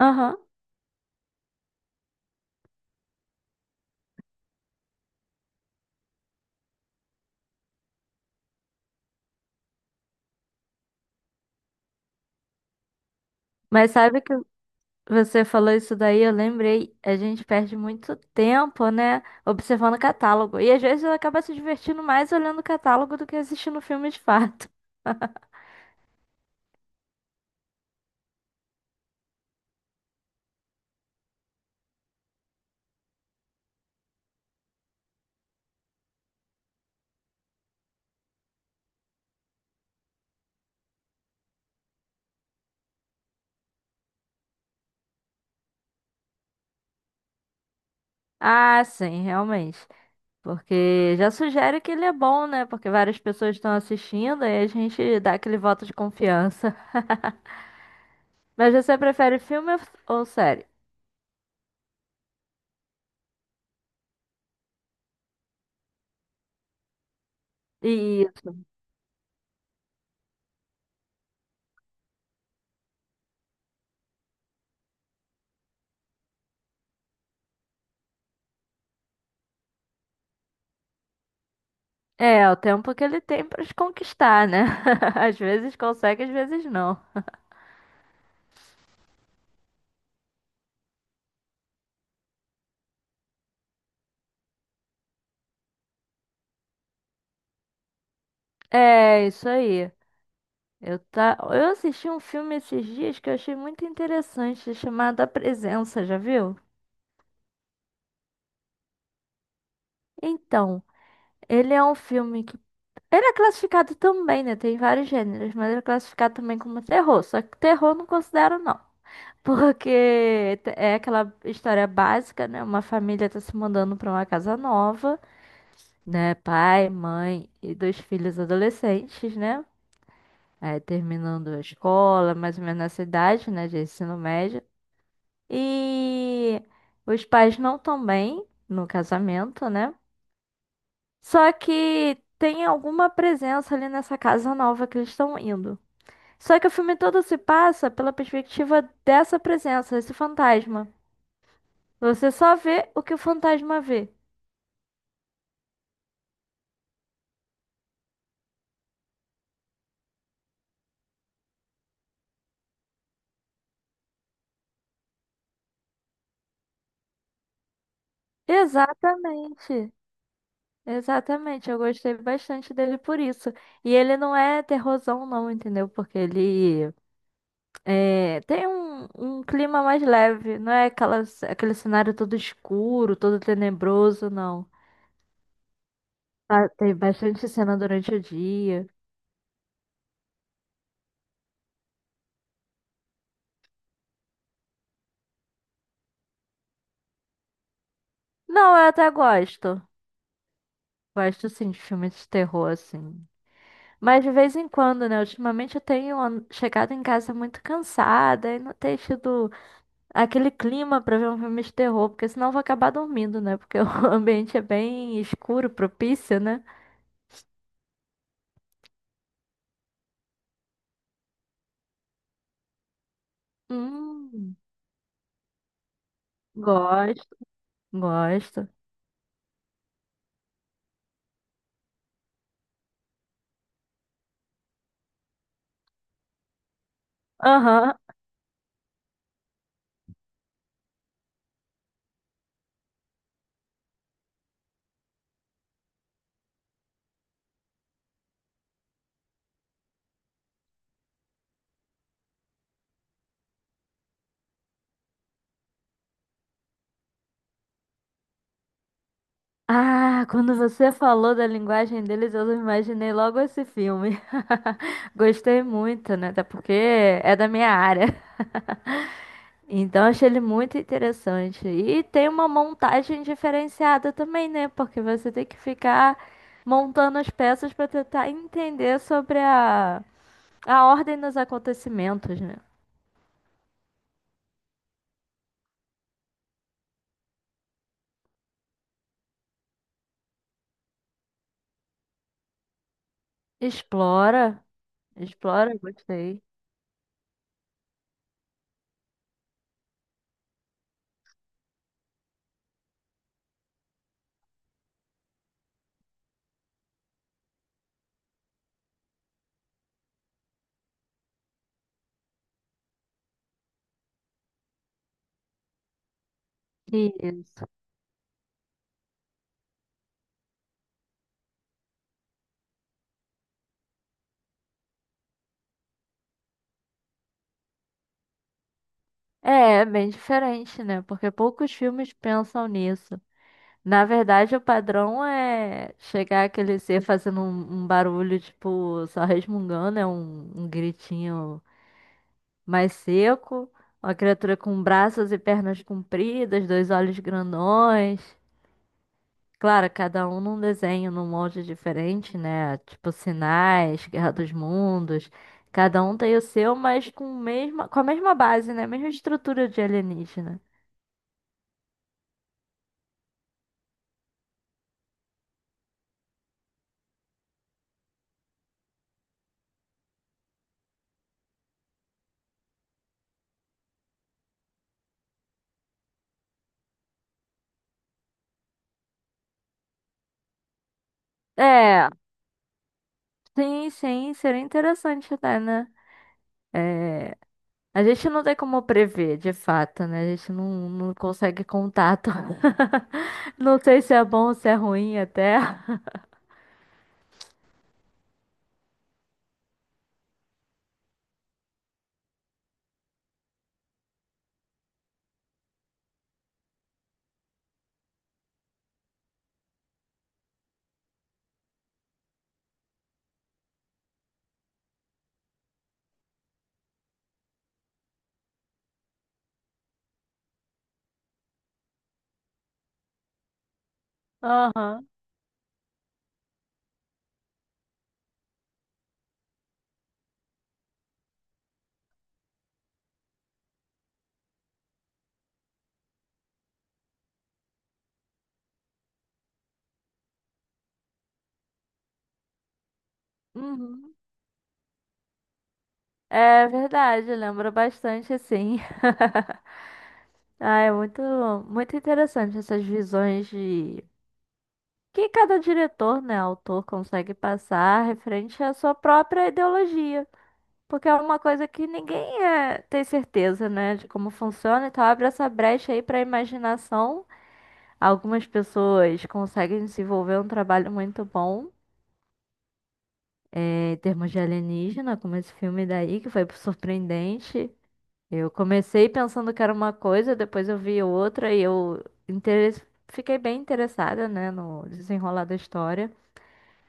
Aham. Mas sabe que você falou isso daí, eu lembrei, a gente perde muito tempo, né, observando o catálogo. E às vezes acaba se divertindo mais olhando o catálogo do que assistindo o filme de fato. Ah, sim, realmente. Porque já sugere que ele é bom, né? Porque várias pessoas estão assistindo e a gente dá aquele voto de confiança. Mas você prefere filme ou série? Isso. É, o tempo que ele tem pra te conquistar, né? Às vezes consegue, às vezes não. É, isso aí. Eu, tá... eu assisti um filme esses dias que eu achei muito interessante, chamado A Presença, já viu? Então, ele é um filme que. Ele é classificado também, né? Tem vários gêneros, mas ele é classificado também como terror. Só que terror eu não considero, não. Porque é aquela história básica, né? Uma família tá se mudando pra uma casa nova, né? Pai, mãe e dois filhos adolescentes, né? Aí terminando a escola, mais ou menos nessa idade, né? De ensino médio. E os pais não estão bem no casamento, né? Só que tem alguma presença ali nessa casa nova que eles estão indo. Só que o filme todo se passa pela perspectiva dessa presença, desse fantasma. Você só vê o que o fantasma vê. Exatamente. Exatamente. Eu gostei bastante dele por isso. E ele não é terrorzão, não, entendeu? Porque ele é, tem um clima mais leve, não é aquelas, aquele cenário todo escuro, todo tenebroso, não. Ah, tem bastante cena durante o dia. Não, eu até gosto. Gosto sim de filmes de terror, assim. Mas de vez em quando, né? Ultimamente eu tenho chegado em casa muito cansada e não tenho tido aquele clima pra ver um filme de terror, porque senão eu vou acabar dormindo, né? Porque o ambiente é bem escuro, propício, né? Hum, gosto, gosto. Aham. Ah, quando você falou da linguagem deles, eu imaginei logo esse filme. Gostei muito, né? Até porque é da minha área. Então achei ele muito interessante. E tem uma montagem diferenciada também, né? Porque você tem que ficar montando as peças para tentar entender sobre a ordem dos acontecimentos, né? Explora, explora, gostei. Isso. É, é bem diferente, né? Porque poucos filmes pensam nisso. Na verdade, o padrão é chegar aquele ser fazendo um barulho, tipo, só resmungando, é um gritinho mais seco. Uma criatura com braços e pernas compridas, dois olhos grandões. Claro, cada um num desenho, num molde diferente, né? Tipo Sinais, Guerra dos Mundos. Cada um tem o seu, mas com, mesma, com a mesma base, né? Mesma estrutura de alienígena. É, sim, sim, seria interessante até, né? É, a gente não tem como prever, de fato, né? A gente não, não consegue contato. Não sei se é bom ou se é ruim até. Aham. Uhum. É verdade, lembra bastante, sim. Ah, é muito, muito interessante essas visões de que cada diretor, né, autor consegue passar referente à sua própria ideologia. Porque é uma coisa que ninguém é, tem certeza, né, de como funciona, então abre essa brecha aí para a imaginação. Algumas pessoas conseguem desenvolver um trabalho muito bom em termos de alienígena, como esse filme daí, que foi surpreendente. Eu comecei pensando que era uma coisa, depois eu vi outra e eu fiquei bem interessada, né, no desenrolar da história.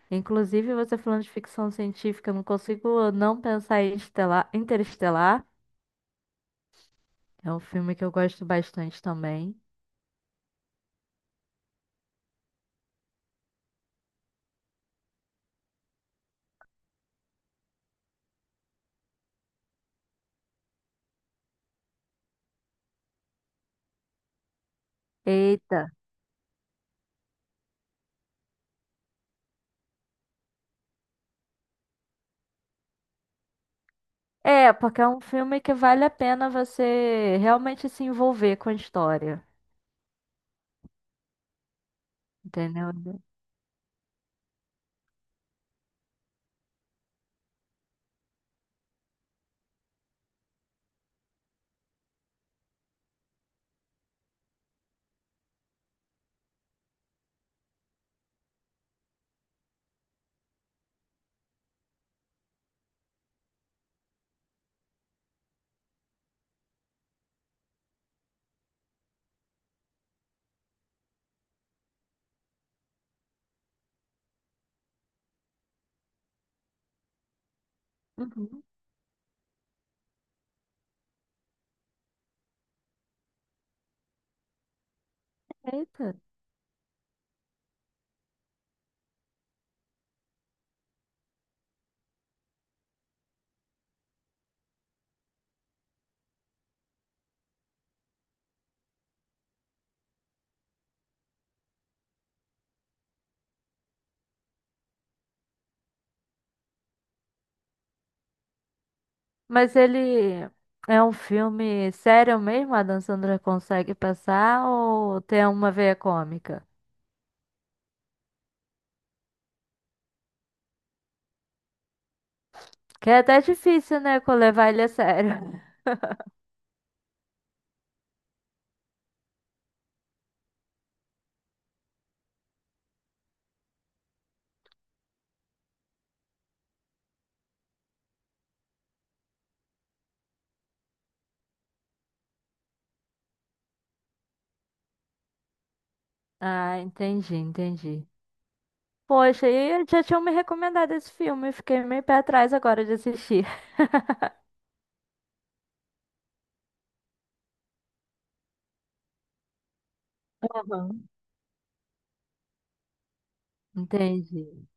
Inclusive, você falando de ficção científica, eu não consigo não pensar em Interestelar. É um filme que eu gosto bastante também. Eita! É, porque é um filme que vale a pena você realmente se envolver com a história, entendeu? Uhum. Eita. Mas ele é um filme sério mesmo? A Dan Sandra consegue passar ou tem uma veia cômica? Que é até difícil, né, levar ele a sério. Ah, entendi, entendi. Poxa, e já tinham me recomendado esse filme, eu fiquei meio pé atrás agora de assistir. Aham. Entendi.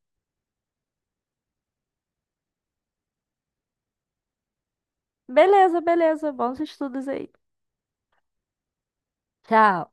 Beleza, beleza, bons estudos aí. Tchau.